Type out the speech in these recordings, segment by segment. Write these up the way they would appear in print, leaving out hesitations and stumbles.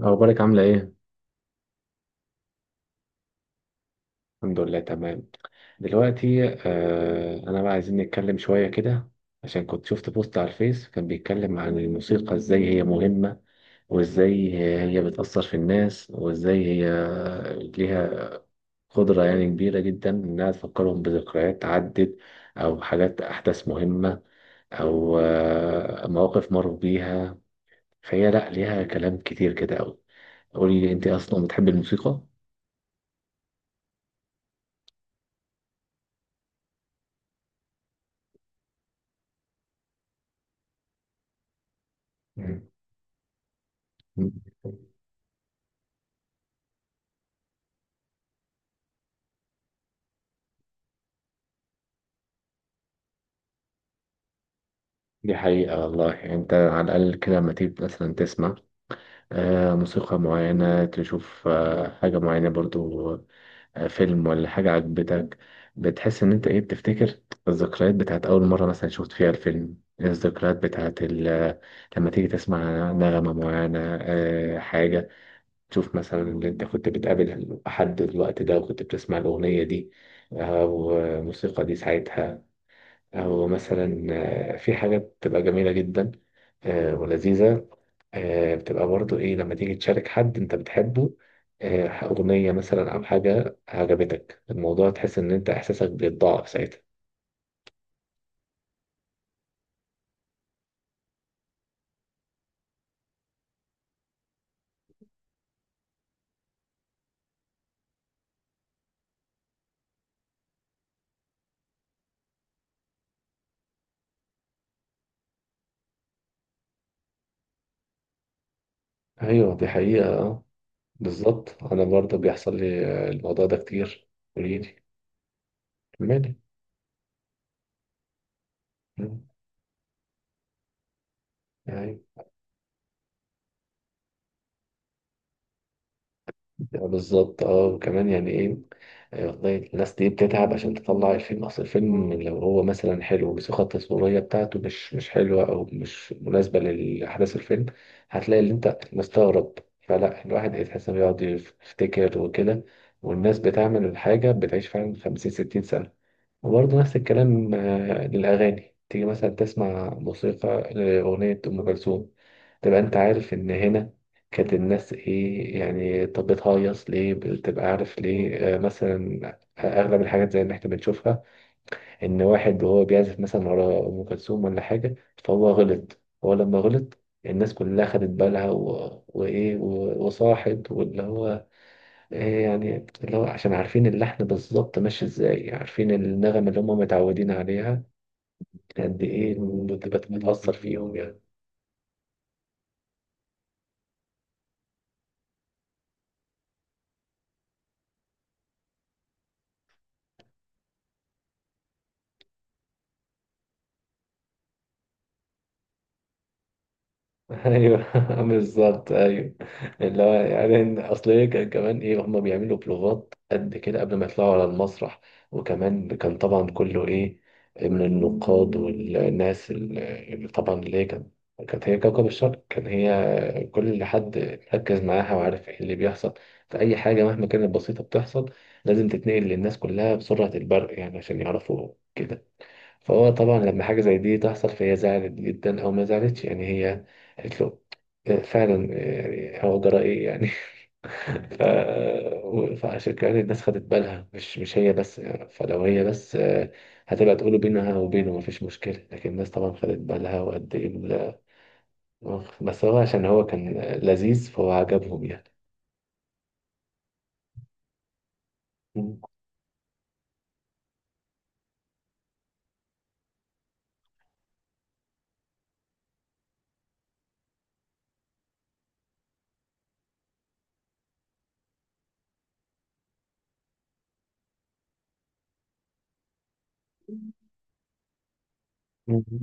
أخبارك عاملة إيه؟ الحمد لله تمام. دلوقتي أنا بقى عايزين نتكلم شوية كده، عشان كنت شفت بوست على الفيس كان بيتكلم عن الموسيقى، إزاي هي مهمة وإزاي هي بتأثر في الناس وإزاي هي ليها قدرة يعني كبيرة جدا إنها تفكرهم بذكريات عدت أو حاجات أحداث مهمة أو مواقف مروا بيها. فهي لأ، ليها كلام كتير كده أوي. قولي أنت أصلا بتحبي الموسيقى؟ مم. دي حقيقة والله. يعني انت على الأقل كده لما تيجي مثلا تسمع موسيقى معينة، تشوف حاجة معينة، برضو فيلم ولا حاجة عجبتك، بتحس إن أنت إيه، بتفتكر الذكريات بتاعت أول مرة مثلا شفت فيها الفيلم، الذكريات بتاعت لما تيجي تسمع نغمة معينة، حاجة تشوف مثلا اللي أنت كنت بتقابل حد الوقت ده وكنت بتسمع الأغنية دي، والموسيقى دي ساعتها، أو مثلا في حاجة بتبقى جميلة جدا ولذيذة. بتبقى برضو إيه لما تيجي تشارك حد أنت بتحبه أغنية مثلا أو حاجة عجبتك الموضوع، تحس إن أنت إحساسك بيتضاعف ساعتها. أيوه، دي حقيقة. بالظبط، أنا برضو بيحصل لي الموضوع ده كتير. قوليلي، كملي. مم. أيوه، بالظبط، اه. وكمان يعني ايه والله، الناس دي بتتعب عشان تطلع الفيلم. اصل الفيلم لو هو مثلا حلو، بس الخطة التصويرية بتاعته مش حلوة او مش مناسبة لاحداث الفيلم، هتلاقي اللي انت مستغرب. فلا، الواحد يتحس انه بيقعد يفتكر وكده، والناس بتعمل الحاجة بتعيش فعلا 50 60 سنة. وبرضه نفس الكلام للأغاني، تيجي مثلا تسمع موسيقى لأغنية أم كلثوم، تبقى أنت عارف إن هنا كانت الناس إيه يعني، طب بتهيص ليه، بتبقى عارف ليه. مثلا أغلب الحاجات زي اللي إحنا بنشوفها، إن واحد وهو بيعزف مثلا ورا أم كلثوم ولا حاجة فهو غلط، هو لما غلط الناس كلها خدت بالها وإيه، وصاحت واللي هو إيه يعني، اللي هو عشان عارفين اللحن بالظبط ماشي ازاي، عارفين النغم اللي هم متعودين عليها، قد ايه بتأثر فيهم يعني. ايوه بالظبط، ايوه. اللي هو يعني اصل إيه، كان كمان ايه، هما بيعملوا بلوغات قد كده قبل ما يطلعوا على المسرح. وكمان كان طبعا كله ايه، من النقاد والناس اللي طبعا، اللي هي كانت هي كوكب الشرق، كان هي كل اللي حد مركز معاها وعارف ايه اللي بيحصل. فأي حاجة مهما كانت بسيطة بتحصل، لازم تتنقل للناس كلها بسرعة البرق يعني، عشان يعرفوا كده. فهو طبعا لما حاجة زي دي تحصل، فهي زعلت جدا أو ما زعلتش، يعني هي قالت له فعلا يعني هو جرى إيه يعني. ف... فعشان كده الناس خدت بالها، مش هي بس. فلو هي بس هتبقى تقوله بينها وبينه مفيش مشكلة، لكن الناس طبعا خدت بالها وقد إيه بس هو عشان هو كان لذيذ فهو عجبهم يعني. مم.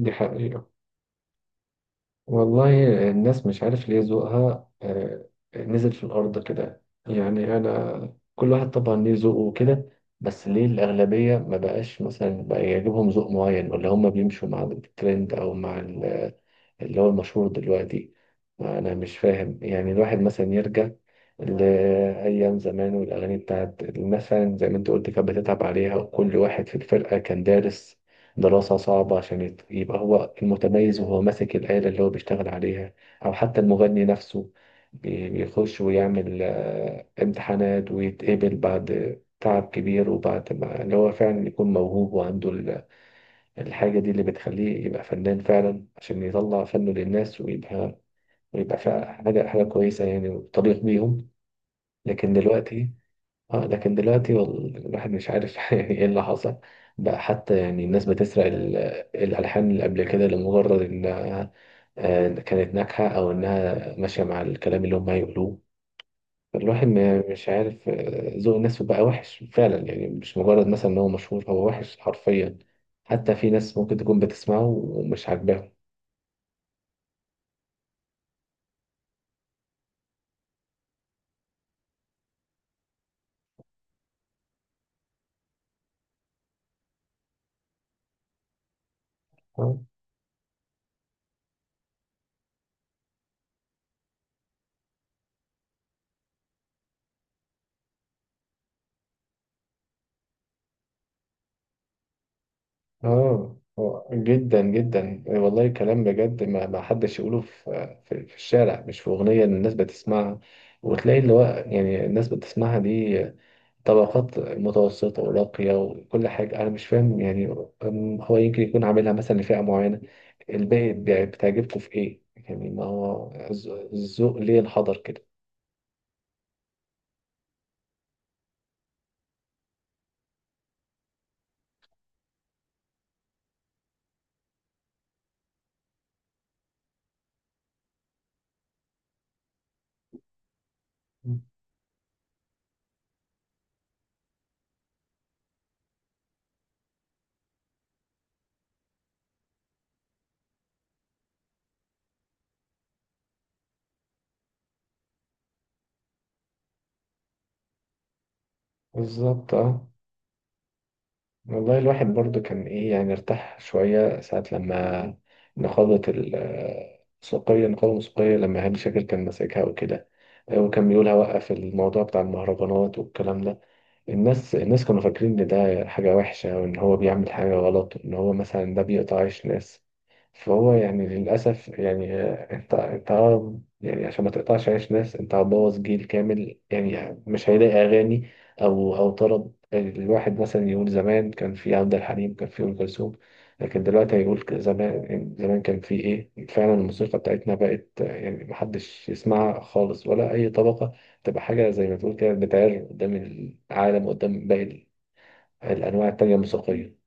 دي حقيقة. والله الناس مش عارف ليه ذوقها نزل في الأرض كده. يعني أنا، كل واحد طبعا ليه ذوقه وكده، بس ليه الأغلبية ما بقاش مثلا بقى يعجبهم ذوق معين، ولا هم بيمشوا مع الترند أو مع اللي هو المشهور دلوقتي. أنا مش فاهم. يعني الواحد مثلا يرجع لأيام زمان والأغاني بتاعت الناس فعلا، زي ما أنت قلت، كانت بتتعب عليها، وكل واحد في الفرقة كان دارس دراسة صعبة عشان يبقى هو المتميز، وهو ماسك الآلة اللي هو بيشتغل عليها، أو حتى المغني نفسه بيخش ويعمل امتحانات ويتقبل بعد تعب كبير، وبعد ما اللي هو فعلا يكون موهوب وعنده الحاجة دي اللي بتخليه يبقى فنان فعلا، عشان يطلع فنه للناس ويبقى، فعلا حاجة كويسة يعني وتليق بيهم. لكن دلوقتي، الواحد مش عارف يعني ايه اللي حصل. بقى حتى يعني الناس بتسرق الألحان اللي قبل كده لمجرد إنها كانت ناجحة أو إنها ماشية مع الكلام اللي هم هيقولوه. الواحد مش عارف ذوق الناس بقى وحش فعلا، يعني مش مجرد مثلا ان هو مشهور، هو وحش حرفيا. حتى في ناس ممكن تكون بتسمعه ومش عاجباهم. اه. جدا جدا والله، كلام بجد ما حدش يقوله في الشارع، مش في اغنيه إن الناس بتسمعها وتلاقي اللي هو، يعني الناس بتسمعها دي طبقات متوسطة وراقية وكل حاجة. أنا مش فاهم يعني، هو يمكن يكون عاملها مثلا لفئة معينة، الباقي بتعجبكم في إيه؟ يعني ما هو الذوق ليه انحدر كده. مم. بالظبط، اه. والله الواحد برضو كان إيه يعني، ارتاح شوية ساعة لما نقابة السوقية النقابة الموسيقية، لما هاني شاكر كان ماسكها وكده، وكان بيقول هوقف الموضوع بتاع المهرجانات والكلام ده. الناس كانوا فاكرين ان ده حاجة وحشة، وان هو بيعمل حاجة غلط، وان هو مثلا ده بيقطع عيش ناس. فهو يعني للأسف يعني أنت يعني عشان ما تقطعش عيش ناس، أنت هتبوظ جيل كامل يعني. مش هيلاقي أغاني أو طرب. يعني الواحد مثلا يقول زمان كان في عبد الحليم، كان في أم كلثوم، لكن دلوقتي هيقول زمان يعني، زمان كان في إيه فعلا. الموسيقى بتاعتنا بقت يعني محدش يسمعها خالص ولا أي طبقة، تبقى حاجة زي ما تقول كده بتعر قدام العالم، قدام باقي الأنواع التانية الموسيقية.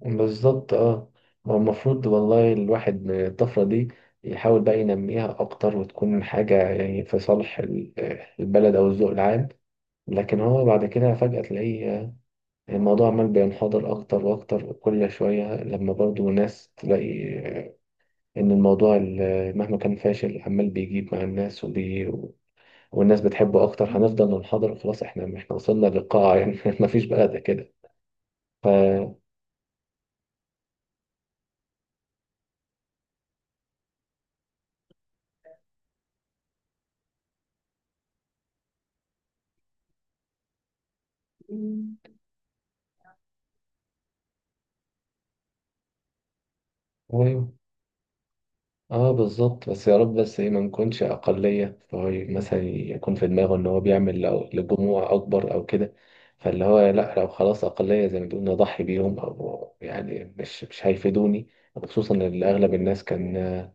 بالظبط، اه. ما هو المفروض والله الواحد من الطفرة دي يحاول بقى ينميها أكتر، وتكون حاجة يعني في صالح البلد أو الذوق العام. لكن هو بعد كده فجأة تلاقيه الموضوع عمال بينحدر أكتر وأكتر كل شوية، لما برضو ناس تلاقي إن الموضوع مهما كان فاشل عمال بيجيب مع الناس والناس بتحبه أكتر، هنفضل ننحدر. خلاص إحنا وصلنا للقاع يعني. مفيش بقى ده كده. ف... اه بالظبط. بس يا رب بس ايه، ما نكونش اقليه، فهو مثلا يكون في دماغه ان هو بيعمل لجموع اكبر او كده، فاللي هو لا، لو خلاص اقليه زي ما بيقولوا نضحي بيهم او يعني مش هيفيدوني. خصوصا ان اغلب الناس كان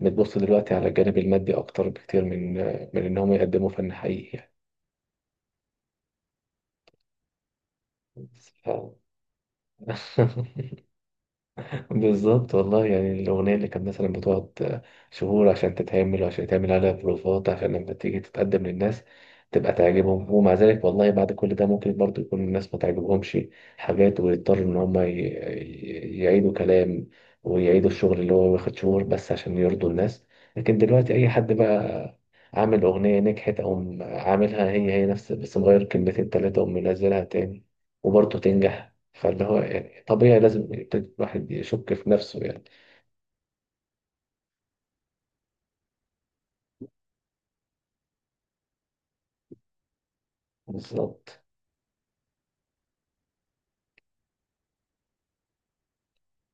بتبص دلوقتي على الجانب المادي اكتر بكتير من ان هم يقدموا فن حقيقي يعني. بس ف... بالظبط والله. يعني الأغنية اللي كانت مثلا بتقعد شهور عشان تتعمل، وعشان يتعمل عليها بروفات، عشان لما تيجي تتقدم للناس تبقى تعجبهم، ومع ذلك والله بعد كل ده ممكن برضو يكون الناس ما تعجبهمش حاجات، ويضطروا إن هما يعيدوا كلام، ويعيدوا الشغل اللي هو واخد شهور، بس عشان يرضوا الناس. لكن دلوقتي أي حد بقى عامل أغنية نجحت، أو عاملها هي هي نفس بس مغير كلمتين تلاتة ومنزلها تاني وبرضه تنجح. فاللي هو يعني طبيعي لازم يبتدي الواحد يشك في نفسه يعني. بالظبط.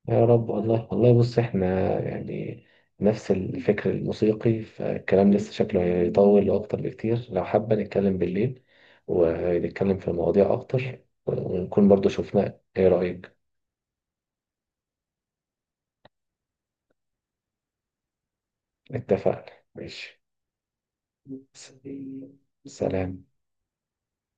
يا رب والله. والله بص احنا، يعني نفس الفكر الموسيقي، فالكلام لسه شكله هيطول أكتر بكتير، لو حابة نتكلم بالليل ونتكلم في مواضيع أكتر، ونكون برضو شفنا، ايه رأيك؟ اتفقنا، ماشي. سلام.